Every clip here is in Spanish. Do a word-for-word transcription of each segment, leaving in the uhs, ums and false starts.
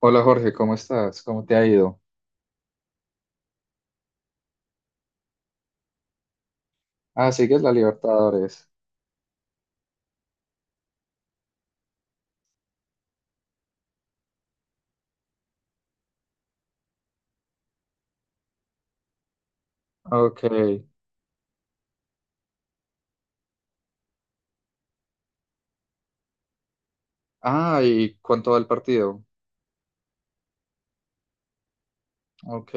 Hola Jorge, ¿cómo estás? ¿Cómo te ha ido? Ah, sigues la Libertadores. Ok. Ah, ¿y cuánto va el partido? Ok.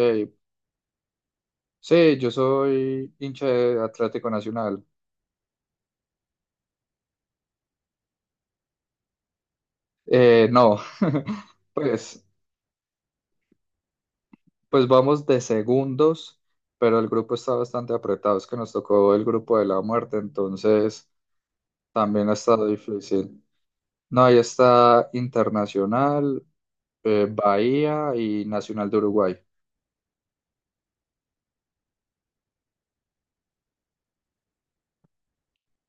Sí, yo soy hincha de Atlético Nacional. Eh, no, pues, pues vamos de segundos, pero el grupo está bastante apretado. Es que nos tocó el grupo de la muerte, entonces también ha estado difícil. No, ahí está Internacional, eh, Bahía y Nacional de Uruguay.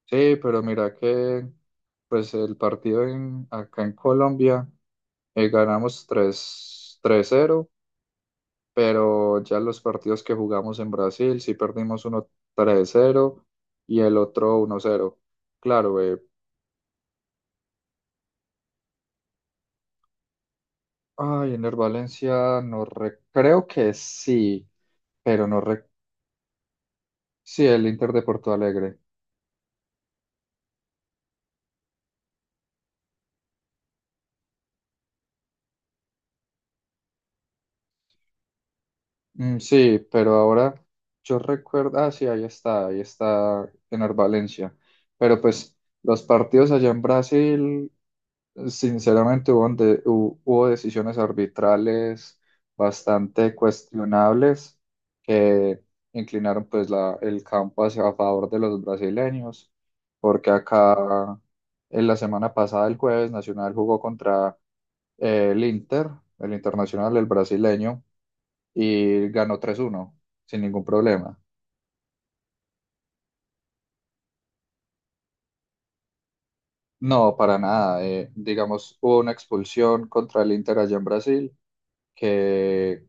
Sí, pero mira que pues el partido en, acá en Colombia eh, ganamos tres tres cero, pero ya los partidos que jugamos en Brasil sí perdimos uno tres cero y el otro uno cero. Claro, eh, ay, en el Valencia no re- creo que sí, pero no re- sí, el Inter de Porto Alegre. Mm, sí, pero ahora yo recuerdo, ah, sí, ahí está, ahí está en Valencia. Pero pues los partidos allá en Brasil, sinceramente hubo, de- hu- hubo decisiones arbitrales bastante cuestionables que inclinaron pues la, el campo hacia a favor de los brasileños, porque acá en la semana pasada, el jueves, Nacional jugó contra eh, el Inter, el Internacional, el brasileño y ganó tres uno sin ningún problema. No, para nada. eh, digamos, hubo una expulsión contra el Inter allá en Brasil, que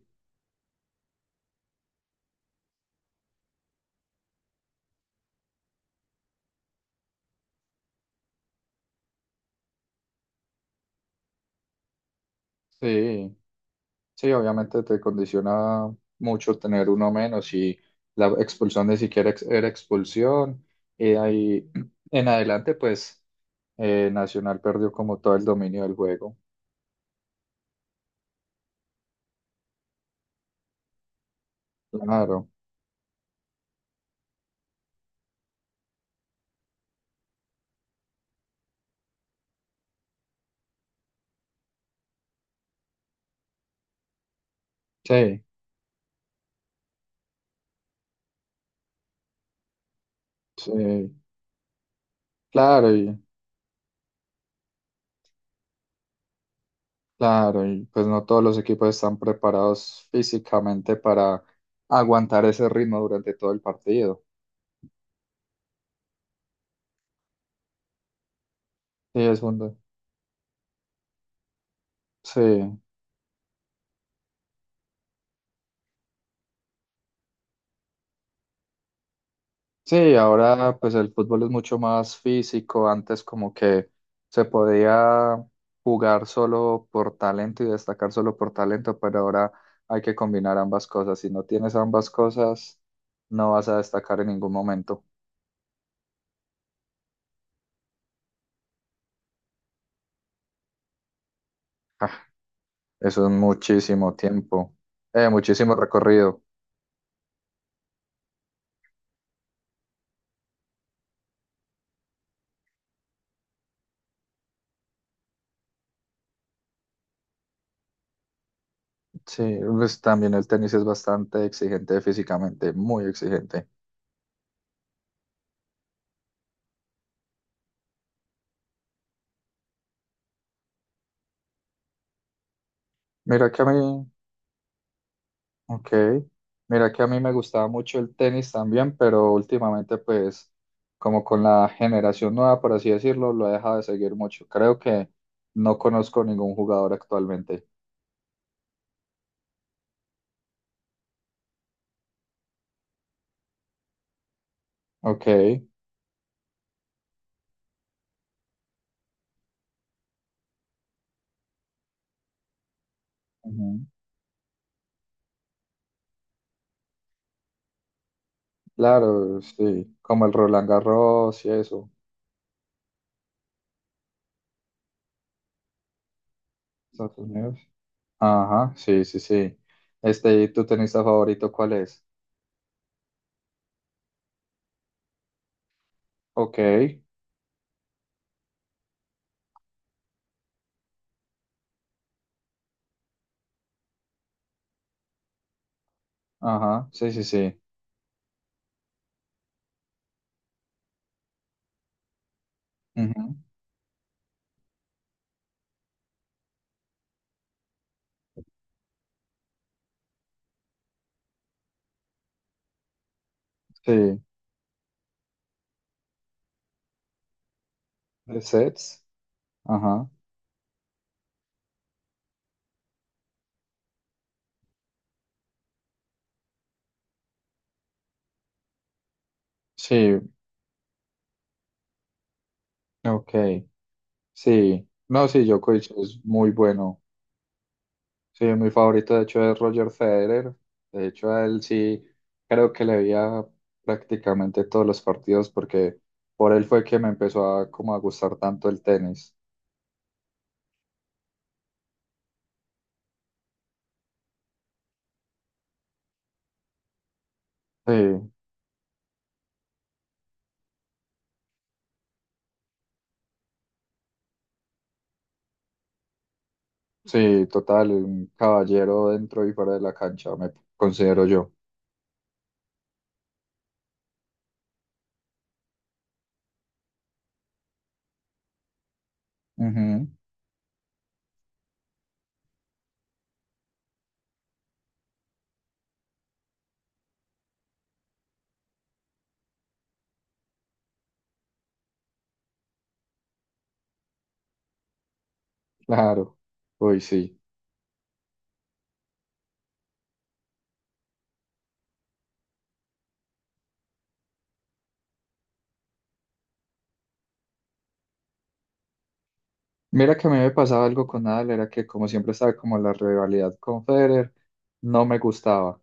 sí, sí, obviamente te condiciona mucho tener uno menos y la expulsión ni siquiera ex- era expulsión. Y de ahí en adelante, pues eh, Nacional perdió como todo el dominio del juego. Claro, sí, sí, claro. Claro, y pues no todos los equipos están preparados físicamente para aguantar ese ritmo durante todo el partido. Sí, es un... Sí, sí, ahora pues el fútbol es mucho más físico. Antes como que se podía jugar solo por talento y destacar solo por talento, pero ahora hay que combinar ambas cosas. Si no tienes ambas cosas, no vas a destacar en ningún momento. Ah, eso es muchísimo tiempo, eh, muchísimo recorrido. Sí, pues también el tenis es bastante exigente físicamente, muy exigente. Mira que a mí, ok, mira que a mí me gustaba mucho el tenis también, pero últimamente pues como con la generación nueva, por así decirlo, lo he dejado de seguir mucho. Creo que no conozco ningún jugador actualmente. Ok, ujú. Claro, sí, como el Roland Garros y eso. Estados Unidos. Ajá, sí, sí, sí. Este, ¿y tu tenista favorito cuál es? Ok. Ajá, sí, sí, sí. Ujú. Sí, de sets. Ajá, sí, ok, sí. No, sí, Djokovic es muy bueno. Sí, mi favorito, de hecho, es Roger Federer. De hecho, a él sí, creo que le veía prácticamente todos los partidos porque por él fue que me empezó a, como a gustar tanto el tenis. Sí, sí, total, un caballero dentro y fuera de la cancha, me considero yo. Ujú, claro, uy, sí. Mira que a mí me pasaba algo con Nadal, era que como siempre estaba como la rivalidad con Federer, no me gustaba,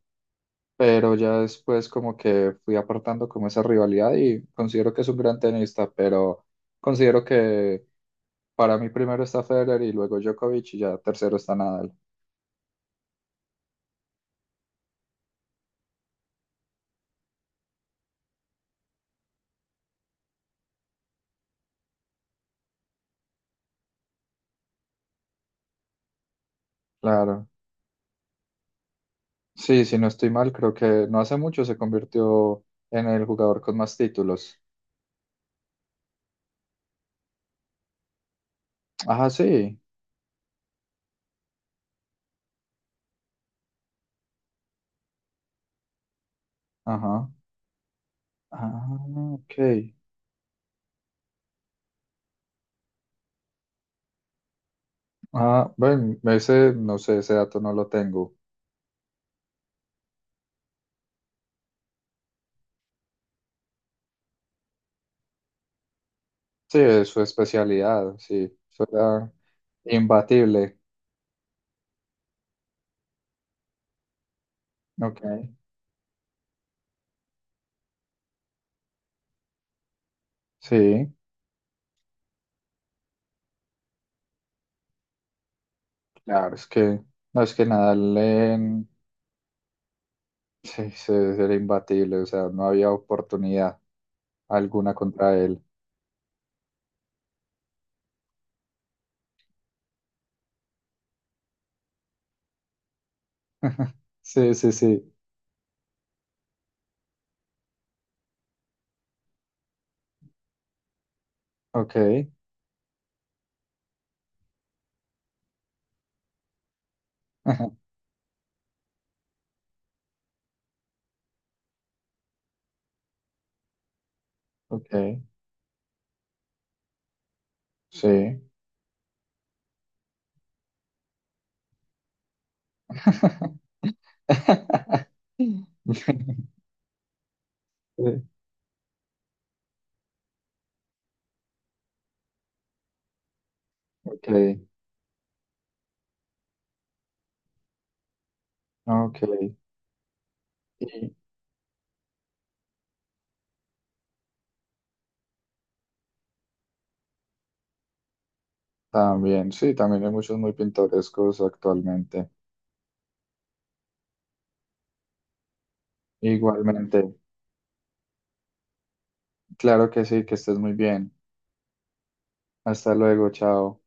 pero ya después como que fui apartando como esa rivalidad y considero que es un gran tenista, pero considero que para mí primero está Federer y luego Djokovic y ya tercero está Nadal. Claro. Sí, si no estoy mal, creo que no hace mucho se convirtió en el jugador con más títulos. Ajá, sí. Ajá. Ah, ok. Ah, bueno, ese, no sé, ese dato no lo tengo. Sí, es su especialidad, sí, eso era imbatible. Ok. Sí, claro, es que, no es que Nadal en, sí, sí, era imbatible, o sea, no había oportunidad alguna contra él. Sí, sí, sí, ok, ok, sí. Sí, ok, ok. Y también, sí, también hay muchos muy pintorescos actualmente. Igualmente, claro que sí, que estés muy bien. Hasta luego, chao.